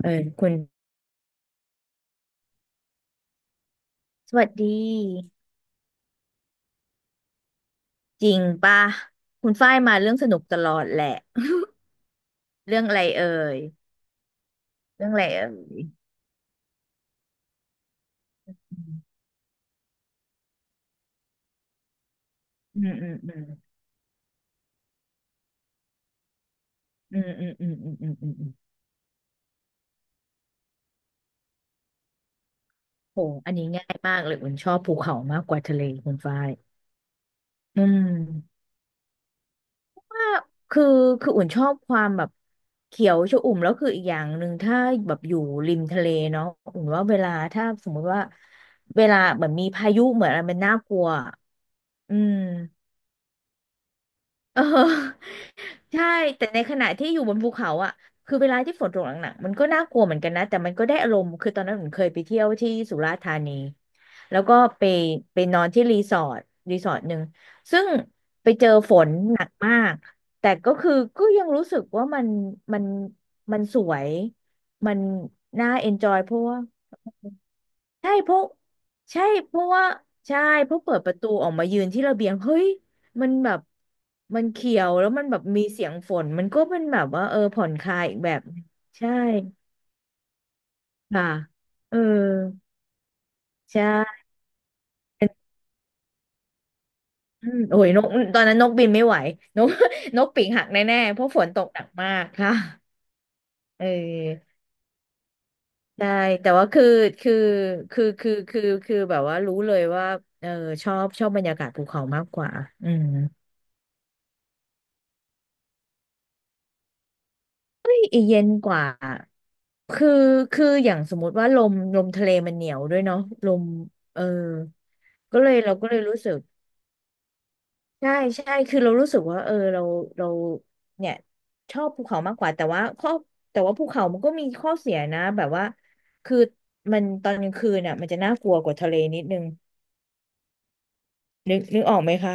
เออคุณสวัสดีจริงป่ะคุณฝ้ายมาเรื่องสนุกตลอดแหละเรื่องอะไรเอ่ยเรื่องอะไรเอ่ยอืมอืมอืมอืมอืมอืมอืมอืมอืมอืมโหอันนี้ง่ายมากเลยอุ่นชอบภูเขามากกว่าทะเลคุณฝ้ายอืมคือคืออุ่นชอบความแบบเขียวชอุ่มแล้วคืออีกอย่างหนึ่งถ้าแบบอยู่ริมทะเลเนาะอุ่นว่าเวลาถ้าสมมุติว่าเวลาเหมือนมีพายุเหมือนอะไรมันน่ากลัวอืม เออ ใช่แต่ในขณะที่อยู่บนภูเขาอ่ะคือเวลาที่ฝนตกหนักๆมันก็น่ากลัวเหมือนกันนะแต่มันก็ได้อารมณ์คือตอนนั้นผมเคยไปเที่ยวที่สุราษฎร์ธานีแล้วก็ไปนอนที่รีสอร์ทรีสอร์ทหนึ่งซึ่งไปเจอฝนหนักมากแต่ก็คือก็ยังรู้สึกว่ามันมันสวยมันน่าเอนจอยเพราะว่า ใช่เพราะใช่เพราะว่าใช่เพราะเปิดประตูออกมายืนที่ระเบียงเฮ้ยมันแบบมันเขียวแล้วมันแบบมีเสียงฝนมันก็เป็นแบบว่าเออผ่อนคลายอีกแบบหนึ่งใช่ค่ะเออใช่อืมโอ้ยนกตอนนั้นนกบินไม่ไหวนก นกปีกหักแน่ๆเพราะฝนตกหนักมากค่ะเออใช่แต่ว่าคือคือแบบว่ารู้เลยว่าเออชอบบรรยากาศภูเขามากกว่าอืมเฮ้ยเย็นกว่า คือคืออย่างสมมติว่าลมทะเลมันเหนียวด้วยเนาะลมเออก็เลยเราก็เลยรู้สึกใช่ใช่คือเรารู้สึกว่าเออเราเนี่ยชอบภูเขามากกว่าแต่ว่าแต่ว่าภูเขามันก็มีข้อเสียนะแบบว่าคือมันตอนกลางคืนอ่ะมันจะน่ากลัวกว่าทะเลนิดนึงนึกออกไหมคะ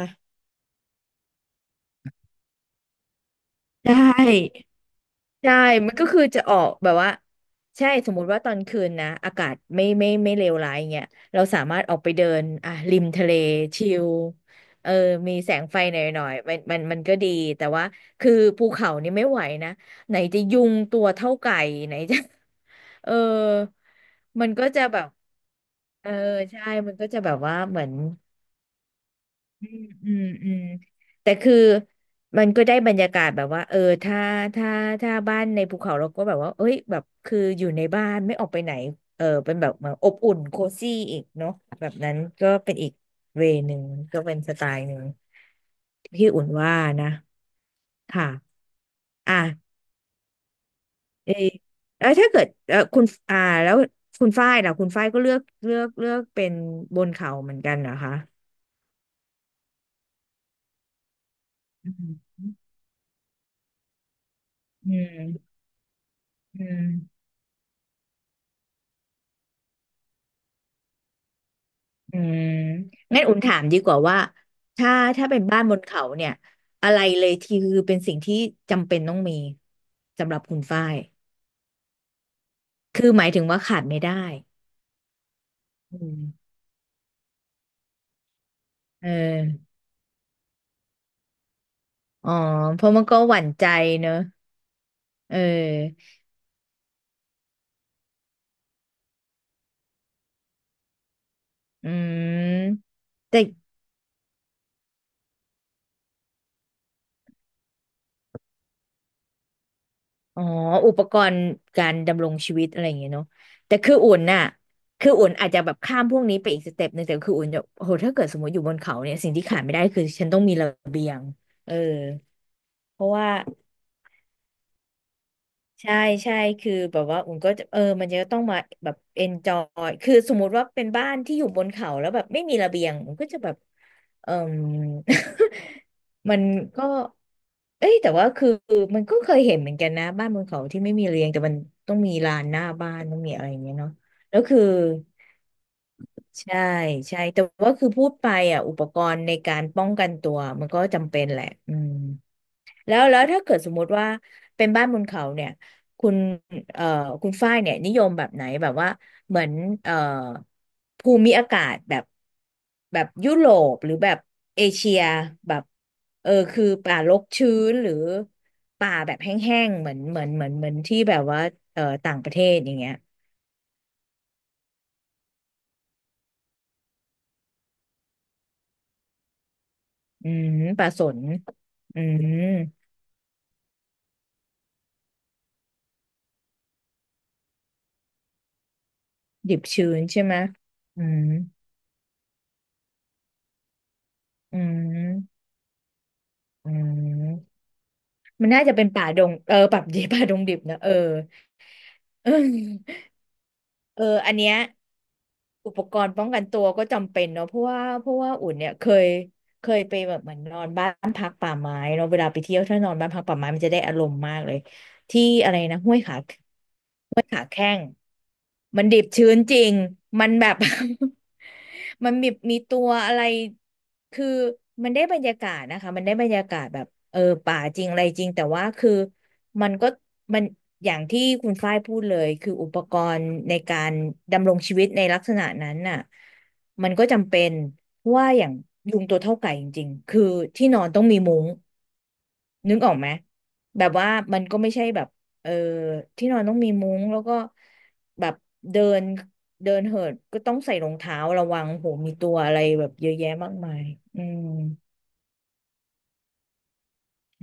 ได้ ใช่ มันก็คือจะออกแบบว่าใช่สมมุติว่าตอนคืนนะอากาศไม่เลวร้ายอย่างเงี้ยเราสามารถออกไปเดินอ่ะริมทะเลชิลเออมีแสงไฟหน่อยหน่อยมันก็ดีแต่ว่าคือภูเขานี่ไม่ไหวนะไหนจะยุงตัวเท่าไก่ไหนจะ เออมันก็จะแบบเออใช่มันก็จะแบบว่าเหมือน อืมอืมอืมแต่คือมันก็ได้บรรยากาศแบบว่าเออถ้าถ้าบ้านในภูเขาเราก็แบบว่าเอ้ยแบบคืออยู่ในบ้านไม่ออกไปไหนเออเป็นแบบเหมือนอบอุ่นโคซี่อีกเนาะแบบนั้นก็เป็นอีกเวย์หนึ่งก็เป็นสไตล์หนึ่งที่อุ่นว่านะค่ะอ่ะเออแล้วถ้าเกิดเออคุณแล้วคุณฝ้ายล่ะคุณฝ้ายก็เลือกเป็นบนเขาเหมือนกันเหรอคะอืมอืมอืม อืมงั้นอุ่นถามดีกว่าว่าถ้าถ้าเป็นบ้านบนเขาเนี่ยอะไรเลยที่คือเป็นสิ่งที่จำเป็นต้องมีสำหรับคุณฝ้ายคือหมายถึงว่าขาดไม่ได้อืมเอออ๋อเพราะมันก็หวั่นใจเนอะเอออืมแต่อ๋ออุปกรณ์การดำรงชีวิตอะไรอย่างเงี้ยเนาะแต่คืออุ่นน่ะคืออุ่นอาจจะแบบข้ามพวกนี้ไปอีกสเต็ปหนึ่งแต่คืออุ่นจะโหถ้าเกิดสมมติอยู่บนเขาเนี่ยสิ่งที่ขาดไม่ได้คือฉันต้องมีระเบียงเออ เพราะว่าใช่ใช่คือแบบว่าอุ่นก็จะเออมันจะต้องมาแบบเอนจอยคือสมมุติว่าเป็นบ้านที่อยู่บนเขาแล้วแบบไม่มีระเบียงอุ่นก็จะแบบเออ มัน ก็เอ้ยแต่ว่าคือมันก็เคยเห็นเหมือนกันนะบ้านบนเขาที่ไม่มีระเบียงแต่มันต้องมีลานหน้าบ้านต้องมีอะไรอย่างเงี้ยเนาะแล้วคือใช่ใช่แต่ว่าคือพูดไปอ่ะอุปกรณ์ในการป้องกันตัวมันก็จำเป็นแหละอืม แล้วถ้าเกิดสมมุติว่าเป็นบ้านบนเขาเนี่ยคุณเอ่อคุณฝ้ายเนี่ยนิยมแบบไหนแบบว่าเหมือนเอ่อภูมิอากาศแบบแบบยุโรปหรือแบบเอเชียแบบเออคือป่ารกชื้นหรือป่าแบบแห้งๆเหมือนที่แบบว่าต่างประเทศอย่างเงี้ยอืมป่าสนอืมดิบชื้นใช่ไหมอืมอืมอืม มันน่าจะเป็นป่าดงเออป่าดี ป่าดงดิบนะเออเออเอออันเนี้ยอุปกรณ์ป้องกันตัวก็จำเป็นเนาะเพราะว่าอุ่นเนี่ยเคยไปแบบเหมือนนอนบ้านพักป่าไม้เนาะเวลาไปเที่ยวถ้านอนบ้านพักป่าไม้มันจะได้อารมณ์มากเลยที่อะไรนะห้วยขา มันดิบชื้นจริง มันแบบ มันมีตัวอะไร คือมันได้บรรยากาศนะคะมันได้บรรยากาศแบบป่าจริงอะไรจริงแต่ว่าคือมันก็มันอย่างที่คุณฝ้ายพูดเลยคืออุปกรณ์ในการดำรงชีวิตในลักษณะนั้นน่ะมันก็จำเป็นเพราะว่าอย่างยุงตัวเท่าไก่จริงๆคือที่นอนต้องมีมุ้งนึกออกไหมแบบว่ามันก็ไม่ใช่แบบ เออที่นอนต้องมีมุ้งแล้วก็แบบเดินเดินเหินก็ต้องใส่รองเท้าระวังโหมีตัวอะไรแบบเยอะแยะมากมายอืม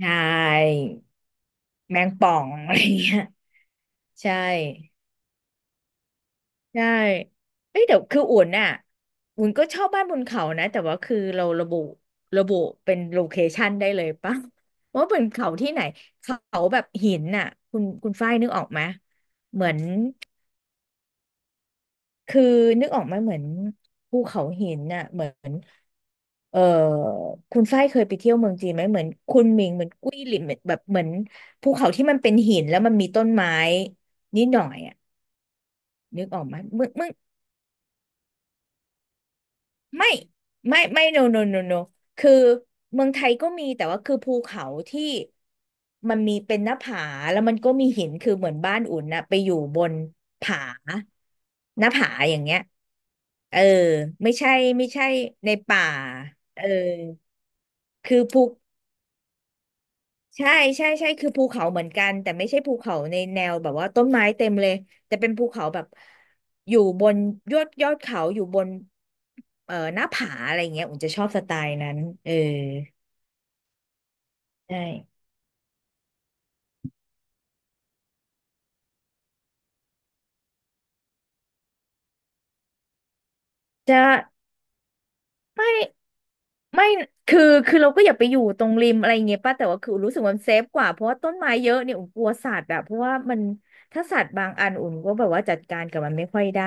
ใช่แมงป่อง อะไรเงี้ยใช่ใช่เอ้ยเดี๋ยวคืออุ่นน่ะอุ่นก็ชอบบ้านบนเขานะแต่ว่าคือเราระบุเป็นโลเคชันได้เลยปะ ว่าเป็นเขาที่ไหนเขาแบบหินน่ะคุณฝ้ายนึกออกไหมเหมือน คือนึกออกไหมาเหมือนภูเขาหินน่ะเหมือนเออคุณฝ้ายเคยไปเที่ยวเมืองจีนไหมเหมือนคุณหมิงเหมือนกุ้ยหลินเหมือนแบบเหมือนภูเขาที่มันเป็นหินแล้วมันมีต้นไม้นิดหน่อยอ่ะนึกออกไหมเมืองไม่ไม่ no no no no no คือเมืองไทยก็มีแต่ว่าคือภูเขาที่มันมีเป็นหน้าผาแล้วมันก็มีหินคือเหมือนบ้านอุ่นน่ะไปอยู่บนผาหน้าผาอย่างเงี้ย เออไม่ใช่ไม่ใช่ในป่าเออคือภูใช่ใช่คือภูเขาเหมือนกันแต่ไม่ใช่ภูเขาในแนวแบบว่าต้นไม้เต็มเลยแต่เป็นภูเขาแบบอยู่บนยอดเขาอยู่บนหน้าผาอะไรเงี้ยอุ่นจะชอบสไตล์นั้นเออใช่จะไม่ไม่คือคือเราก็อย่าไปอยู่ตรงริมอะไรเงี้ยป้าแต่ว่าคืออุ่นรู้สึกว่ามันเซฟกว่าเพราะว่าต้นไม้เยอะเนี่ยอุ่นกลัวสัตว์อะเพราะว่ามันถ้าสัตว์บางอันอุ่นก็แบบว่าจัดการกับมันไม่ค่อยได้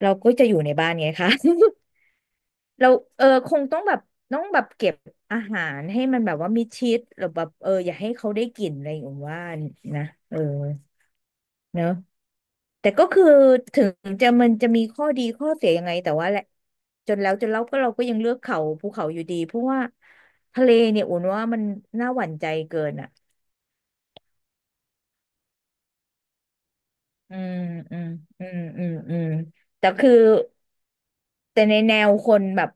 เราก็จะอยู่ในบ้านไงคะ เราคงต้องแบบต้องแบบเก็บอาหารให้มันแบบว่ามิดชิดหรือแบบอย่าให้เขาได้กลิ่นอะไรอย่างว่านะเออเนอะแต่ก็คือถึงจะมันจะมีข้อดีข้อเสียยังไงแต่ว่าแหละจนแล้วจนแล้วก็เราก็ยังเลือกเขาภูเขาอยู่ดีเพราะว่าทะเลเนี่ยอุ่นว่ามันน่าหวั่นใจเกินอ่ะอืมอืมอืมอืมอืมแต่คือ แต่ในแนวคนแบบ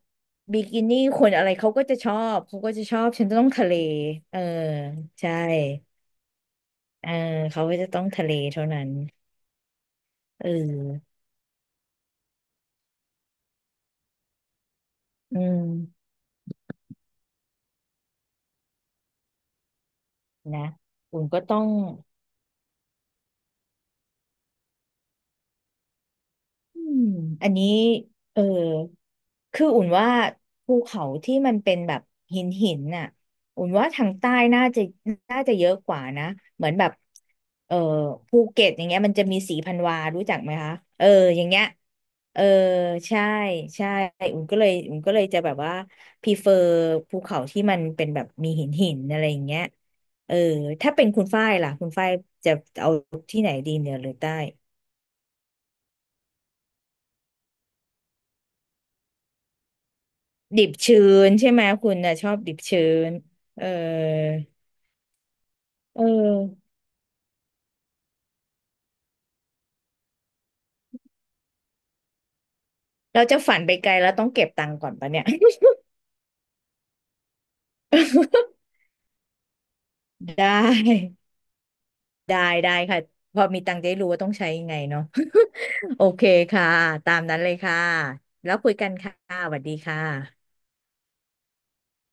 บิกินี่คนอะไรเขาก็จะชอบเขาก็จะชอบฉันจะต้องทะเลเออใช่เออเขาก็จะต้องทะเลเท่านั้นเอออืมนะคุณก็ต้อง อืมอันนี้เออคืออุ่นว่าภูเขาที่มันเป็นแบบหินน่ะอุ่นว่าทางใต้น่าจะน่าจะเยอะกว่านะเหมือนแบบเออภูเก็ตอย่างเงี้ยมันจะมีสีพันวารู้จักไหมคะเอออย่างเงี้ยเออใช่ใช่อุ่นก็เลยจะแบบว่าพ r ีเฟอร์ภูเขาที่มันเป็นแบบมีหินอะไรอย่างเงี้ยเออถ้าเป็นคุณฝ้ายล่ะคุณฝ้ายจะเอาที่ไหนดีเหนือหรือใต้ ดิบชื้นใช่ไหมคุณน่ะชอบดิบชื้นเออเออเราจะฝันไปไกลแล้วต้องเก็บตังค์ก่อนปะเนี่ย ได้ได้ได้ค่ะพอมีตังค์จะได้รู้ว่าต้องใช้ยังไงเนาะ โอเคค่ะตามนั้นเลยค่ะแล้วคุยกันค่ะสวัสดีค่ะ